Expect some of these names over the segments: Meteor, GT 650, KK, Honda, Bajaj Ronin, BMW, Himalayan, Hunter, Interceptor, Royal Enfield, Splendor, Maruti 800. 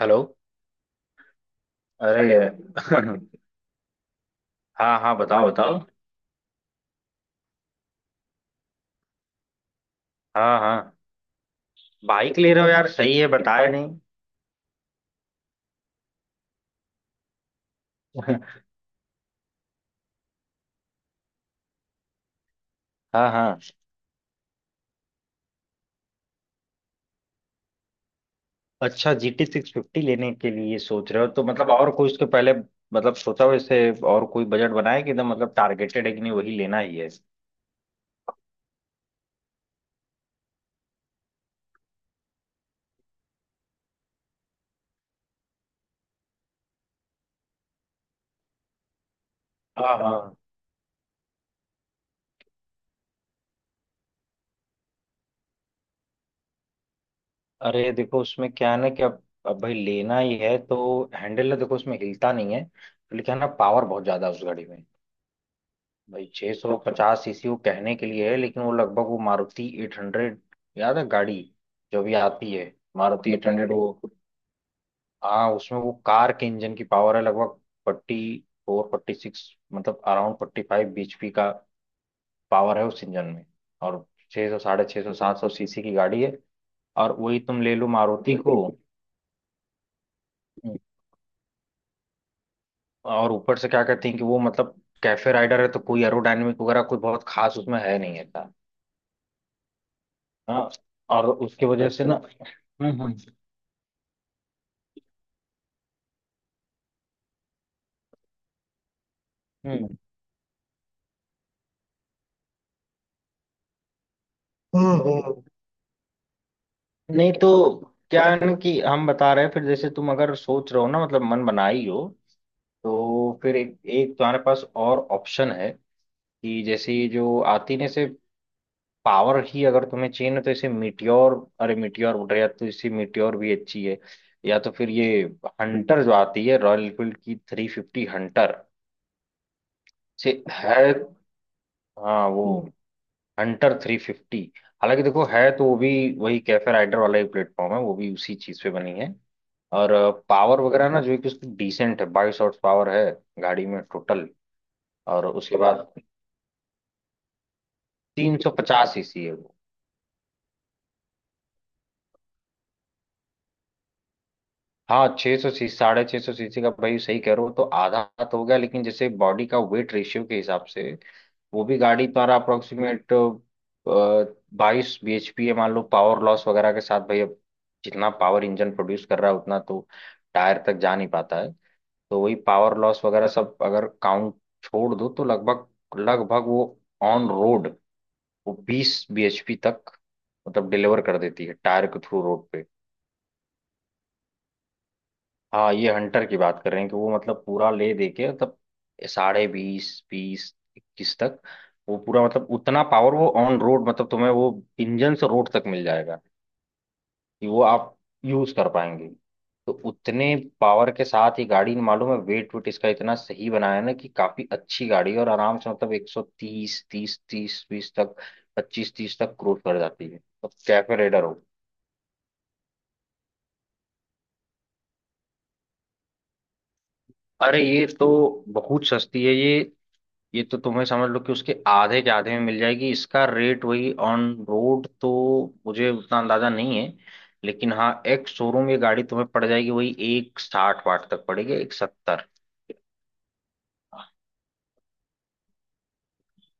Hello. अरे हाँ हाँ, बताओ बताओ। हाँ हाँ। बाइक ले रहे हो यार, सही है, बताया नहीं। हाँ हाँ। अच्छा, जी टी सिक्स फिफ्टी लेने के लिए सोच रहे हो, तो मतलब और कोई उसके पहले मतलब सोचा हो इससे, और कोई बजट बनाया कि एकदम मतलब टारगेटेड है कि नहीं वही लेना ही है। हाँ हाँ। अरे देखो उसमें क्या है ना कि अब भाई लेना ही है तो हैंडल है, देखो उसमें हिलता नहीं है। लेकिन है ना, पावर बहुत ज्यादा है उस गाड़ी में। भाई 650 सीसी वो कहने के लिए है, लेकिन वो लगभग वो मारुति 800। याद है गाड़ी? जो भी आती है मारुति 800 वो। हाँ उसमें वो कार के इंजन की पावर है लगभग 40, 4, 46, मतलब अराउंड 45 बीएचपी का पावर है उस इंजन में। और 600, 650, 700 सीसी की गाड़ी है। और वही तुम ले लो मारुति को। और ऊपर से क्या कहते हैं कि वो मतलब कैफे राइडर है, तो कोई एरोडायनेमिक वगैरह कोई बहुत खास उसमें है नहीं है। हाँ। और उसकी वजह से ना हम्म। हम्म। हम्म। नहीं तो क्या है ना, कि हम बता रहे हैं। फिर जैसे तुम अगर सोच रहे हो ना, मतलब मन बनाई हो, तो फिर एक एक तुम्हारे पास और ऑप्शन है। कि जैसे ये जो आती ने से पावर ही अगर तुम्हें चाहिए ना, तो इसे मीटियोर, अरे मीटियोर बोल रहे हैं, या तो इसी मीटियोर भी अच्छी है, या तो फिर ये हंटर जो आती है रॉयल एनफील्ड की, 350 हंटर से है। हाँ वो हंटर 350। हालांकि देखो है तो वो भी वही कैफे राइडर वाला ही प्लेटफॉर्म है, वो भी उसी चीज पे बनी है। और पावर वगैरह ना जो है कि उसकी डिसेंट है, बाईस हॉर्स पावर है गाड़ी में टोटल। और उसके बाद 350 सीसी है वो। हाँ 600 सीसी, 650 सीसी का भाई, सही कह रहे हो तो आधा तो हो गया, लेकिन जैसे बॉडी का वेट रेशियो के हिसाब से वो भी गाड़ी तुम्हारा अप्रोक्सीमेट 22 bhp है। मान लो पावर लॉस वगैरह के साथ भाई, अब जितना पावर इंजन प्रोड्यूस कर रहा है उतना तो टायर तक जा नहीं पाता है। तो वही पावर लॉस वगैरह सब अगर काउंट छोड़ दो, तो लगभग लगभग वो ऑन रोड वो 20 bhp तक मतलब डिलीवर कर देती है टायर के थ्रू रोड पे। हाँ ये हंटर की बात कर रहे हैं कि वो मतलब पूरा ले दे के मतलब 20.5, 20, 21 तक वो पूरा, मतलब उतना पावर वो ऑन रोड मतलब तुम्हें वो इंजन से रोड तक मिल जाएगा, कि वो आप यूज कर पाएंगे। तो उतने पावर के साथ ही गाड़ी, मालूम है वेट वेट इसका इतना सही बनाया है ना, कि काफी अच्छी गाड़ी है और आराम से मतलब 130, तीस, तीस, बीस तक, 25 30 तक क्रूज कर जाती है। तो कैफे रेडर हो। अरे ये तो बहुत सस्ती है ये। ये तो तुम्हें समझ लो कि उसके आधे के आधे में मिल जाएगी। इसका रेट वही ऑन रोड तो मुझे उतना अंदाजा नहीं है, लेकिन हाँ एक्स शोरूम ये गाड़ी तुम्हें पड़ जाएगी वही 1.60 वाट तक पड़ेगी, 1.70।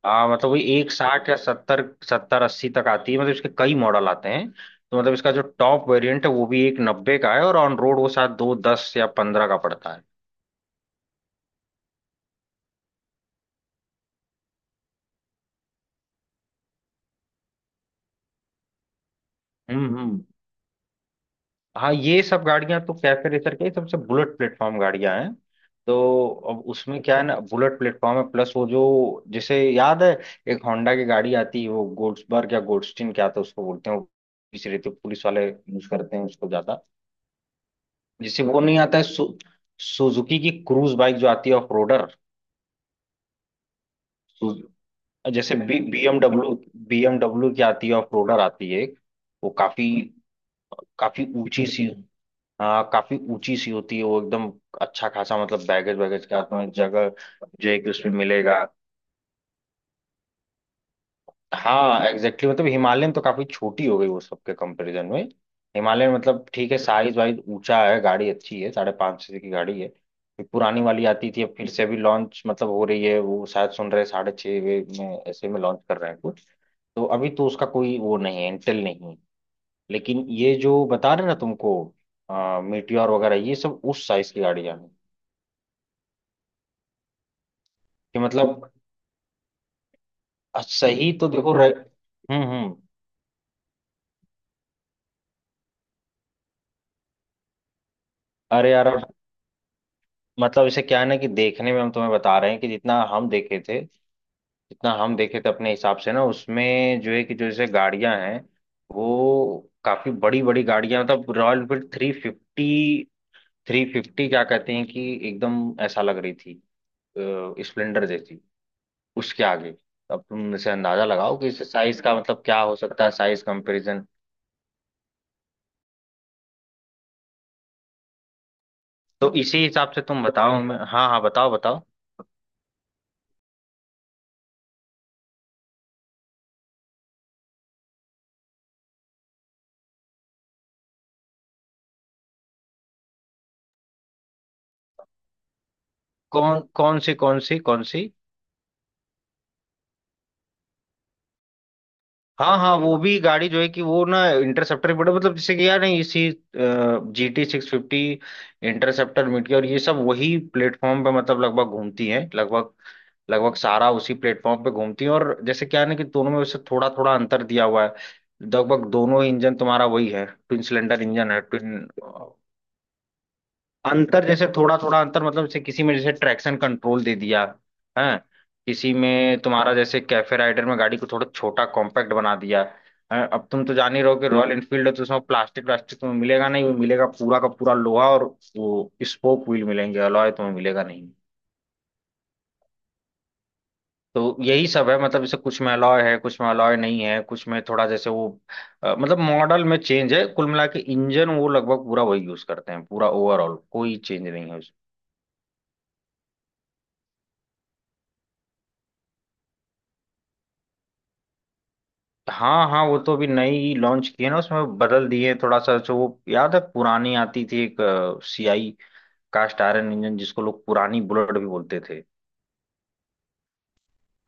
हाँ मतलब वही एक साठ या 70, 70 80 तक आती है, मतलब इसके कई मॉडल आते हैं, तो मतलब इसका जो टॉप वेरिएंट है वो भी 1.90 का है, और ऑन रोड वो शायद 2.10 या 15 का पड़ता है। हम्म। हाँ ये सब गाड़ियां तो कैफे रेसर के ही सबसे बुलेट प्लेटफॉर्म गाड़ियां हैं। तो अब उसमें क्या है ना, बुलेट प्लेटफॉर्म है प्लस वो जो, जैसे याद है एक होंडा की गाड़ी आती है वो गोड्सबर्ग या गोडस्टीन क्या आता है, उसको बोलते हैं वो। पीछे रहती है, पुलिस वाले यूज करते हैं उसको ज्यादा। जैसे वो नहीं आता है सुजुकी की क्रूज बाइक जो आती है ऑफ रोडर। जैसे बी बीएमडब्ल्यू, बीएमडब्ल्यू की आती है ऑफ रोडर आती है एक, वो काफी, काफी ऊंची सी। हाँ काफी ऊंची सी होती है वो एकदम। अच्छा खासा मतलब बैगेज वैगेज का तुम्हें जगह जो है कि उसमें मिलेगा। हाँ एग्जैक्टली, exactly, मतलब हिमालयन तो काफी छोटी हो गई वो सबके कंपैरिजन में। हिमालयन मतलब ठीक है, साइज वाइज ऊंचा है, गाड़ी अच्छी है, 550 की गाड़ी है। फिर पुरानी वाली आती थी, अब फिर से अभी लॉन्च मतलब हो रही है वो, शायद सुन रहे हैं 6.5 में ऐसे में लॉन्च कर रहे हैं कुछ। तो अभी तो उसका कोई वो नहीं है, इंटेल नहीं है। लेकिन ये जो बता रहे ना तुमको मीटियोर वगैरह ये सब उस साइज की गाड़ियां हैं। कि मतलब सही तो देखो हम्म। अरे यार अब मतलब इसे क्या है ना कि देखने में हम तुम्हें बता रहे हैं कि जितना हम देखे थे, जितना हम देखे थे अपने हिसाब से ना, उसमें जो है कि जो जैसे गाड़ियां हैं वो काफी बड़ी बड़ी गाड़ियां, मतलब रॉयल एनफील्ड 350, 350 क्या कहते हैं कि एकदम ऐसा लग रही थी स्प्लेंडर जैसी उसके आगे। अब तुम इसे अंदाजा लगाओ कि इस साइज का मतलब क्या हो सकता है, साइज कंपैरिजन। तो इसी हिसाब से तुम बताओ हमें। हाँ हाँ, बताओ बताओ। कौन कौन सी, कौन सी, कौन सी? हाँ हाँ वो भी गाड़ी जो है कि वो ना, इंटरसेप्टर बड़ा मतलब जैसे कि यार नहीं इसी जी टी 650, इंटरसेप्टर मिड और ये सब वही प्लेटफॉर्म पे मतलब लगभग घूमती हैं, लगभग लगभग सारा उसी प्लेटफॉर्म पे घूमती हैं। और जैसे क्या है ना, कि दोनों में वैसे थोड़ा थोड़ा अंतर दिया हुआ है। लगभग दोनों इंजन तुम्हारा वही है, ट्विन सिलेंडर इंजन है, ट्विन। अंतर जैसे थोड़ा थोड़ा अंतर, मतलब जैसे किसी में जैसे ट्रैक्शन कंट्रोल दे दिया है। किसी में तुम्हारा जैसे कैफे राइडर में गाड़ी को थोड़ा छोटा कॉम्पैक्ट बना दिया हैं? अब तुम तो जान ही रहो कि रॉयल एनफील्ड है, तो उसमें प्लास्टिक व्लास्टिक तुम्हें मिलेगा नहीं, वो मिलेगा पूरा का पूरा लोहा। और वो स्पोक व्हील मिलेंगे, अलॉय तुम्हें मिलेगा नहीं। तो यही सब है, मतलब जैसे कुछ में अलॉय है, कुछ में अलॉय नहीं है, कुछ में थोड़ा जैसे वो मतलब मॉडल में चेंज है। कुल मिला के इंजन वो लगभग पूरा वही यूज करते हैं, पूरा ओवरऑल कोई चेंज नहीं है उसमें। हाँ हाँ वो तो अभी नई लॉन्च की है ना, उसमें बदल दिए हैं थोड़ा सा। जो वो याद है पुरानी आती थी एक सीआई, कास्ट आयरन इंजन जिसको लोग पुरानी बुलेट भी बोलते थे।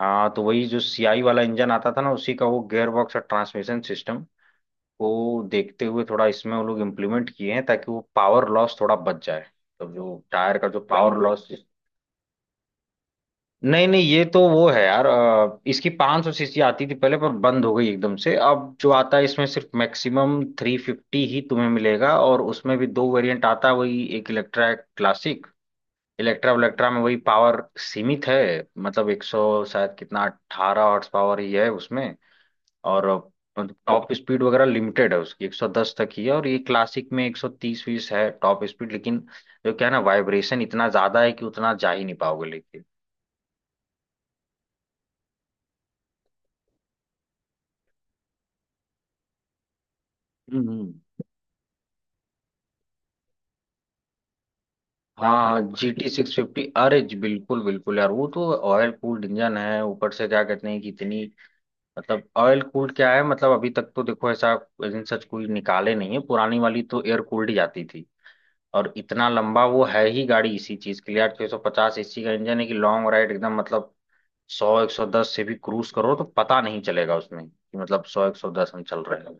हाँ तो वही जो सीआई वाला इंजन आता था ना, उसी का वो गियर बॉक्स और ट्रांसमिशन सिस्टम को देखते हुए थोड़ा इसमें वो लोग इम्प्लीमेंट किए हैं, ताकि वो पावर लॉस थोड़ा बच जाए। तो जो टायर का जो पावर लॉस, नहीं नहीं ये तो वो है यार, इसकी 500 सीसी आती थी पहले, पर बंद हो गई एकदम से। अब जो आता है इसमें सिर्फ मैक्सिमम 350 ही तुम्हें मिलेगा, और उसमें भी दो वेरिएंट आता है वही, एक इलेक्ट्रा एक क्लासिक। इलेक्ट्रा इलेक्ट्रा में वही पावर सीमित है, मतलब 100 शायद कितना 18 हॉर्स पावर ही है उसमें। और टॉप स्पीड वगैरह लिमिटेड है उसकी, 110 तक ही है। और ये क्लासिक में 130 फीस है टॉप स्पीड, लेकिन जो क्या है ना, वाइब्रेशन इतना ज्यादा है कि उतना जा ही नहीं पाओगे लेकिन। हम्म। हाँ GT 650, अरे जी, बिल्कुल बिल्कुल यार, वो तो ऑयल कूल्ड इंजन है। ऊपर से क्या कहते हैं कि इतनी, मतलब ऑयल कूल्ड क्या है, मतलब अभी तक तो देखो ऐसा इंजन सच कोई निकाले नहीं है, पुरानी वाली तो एयर कूल्ड ही आती थी। और इतना लंबा वो है ही गाड़ी इसी चीज के लिए यार, 650 एसी का इंजन है, कि लॉन्ग राइड एकदम मतलब 100 110 से भी क्रूज करो तो पता नहीं चलेगा उसमें कि मतलब 100 110 हम चल रहे हैं।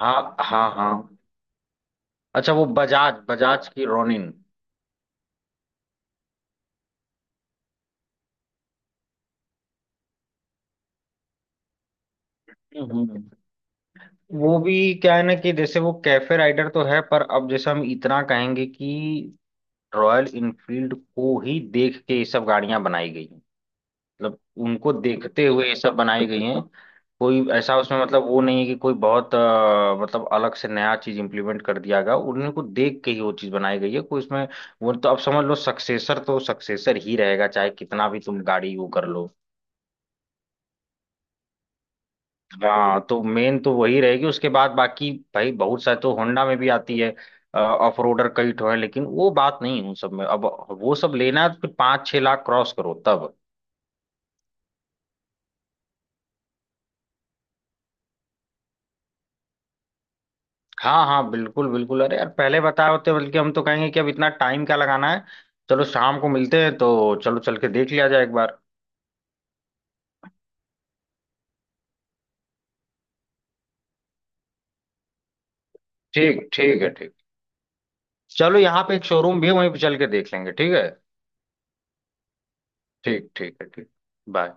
हाँ हाँ हाँ। अच्छा वो बजाज बजाज की रोनिन। हम्म। वो भी क्या है ना कि जैसे वो कैफे राइडर तो है, पर अब जैसे हम इतना कहेंगे कि रॉयल इनफील्ड को ही देख के ये सब गाड़ियां बनाई गई हैं। मतलब उनको देखते हुए ये सब बनाई गई हैं। कोई ऐसा उसमें मतलब वो नहीं है कि कोई बहुत मतलब अलग से नया चीज इंप्लीमेंट कर दिया गया। उन्हीं को देख के ही वो चीज बनाई गई है, कोई उसमें वो तो अब समझ लो सक्सेसर तो सक्सेसर ही रहेगा चाहे कितना भी तुम गाड़ी वो कर लो। हाँ तो मेन तो वही रहेगी, उसके बाद बाकी भाई बहुत सारे तो होंडा में भी आती है, ऑफ रोडर कई ठो है लेकिन वो बात नहीं है उन सब में। अब वो सब लेना है तो फिर 5-6 लाख क्रॉस करो तब। हाँ हाँ बिल्कुल बिल्कुल, अरे यार पहले बताए होते। बल्कि हम तो कहेंगे कि अब इतना टाइम क्या लगाना है, चलो शाम को मिलते हैं तो चलो चल के देख लिया जाए एक बार। ठीक ठीक है, ठीक। चलो यहाँ पे एक शोरूम भी है वहीं पे चल के देख लेंगे, ठीक है। ठीक ठीक है ठीक। बाय।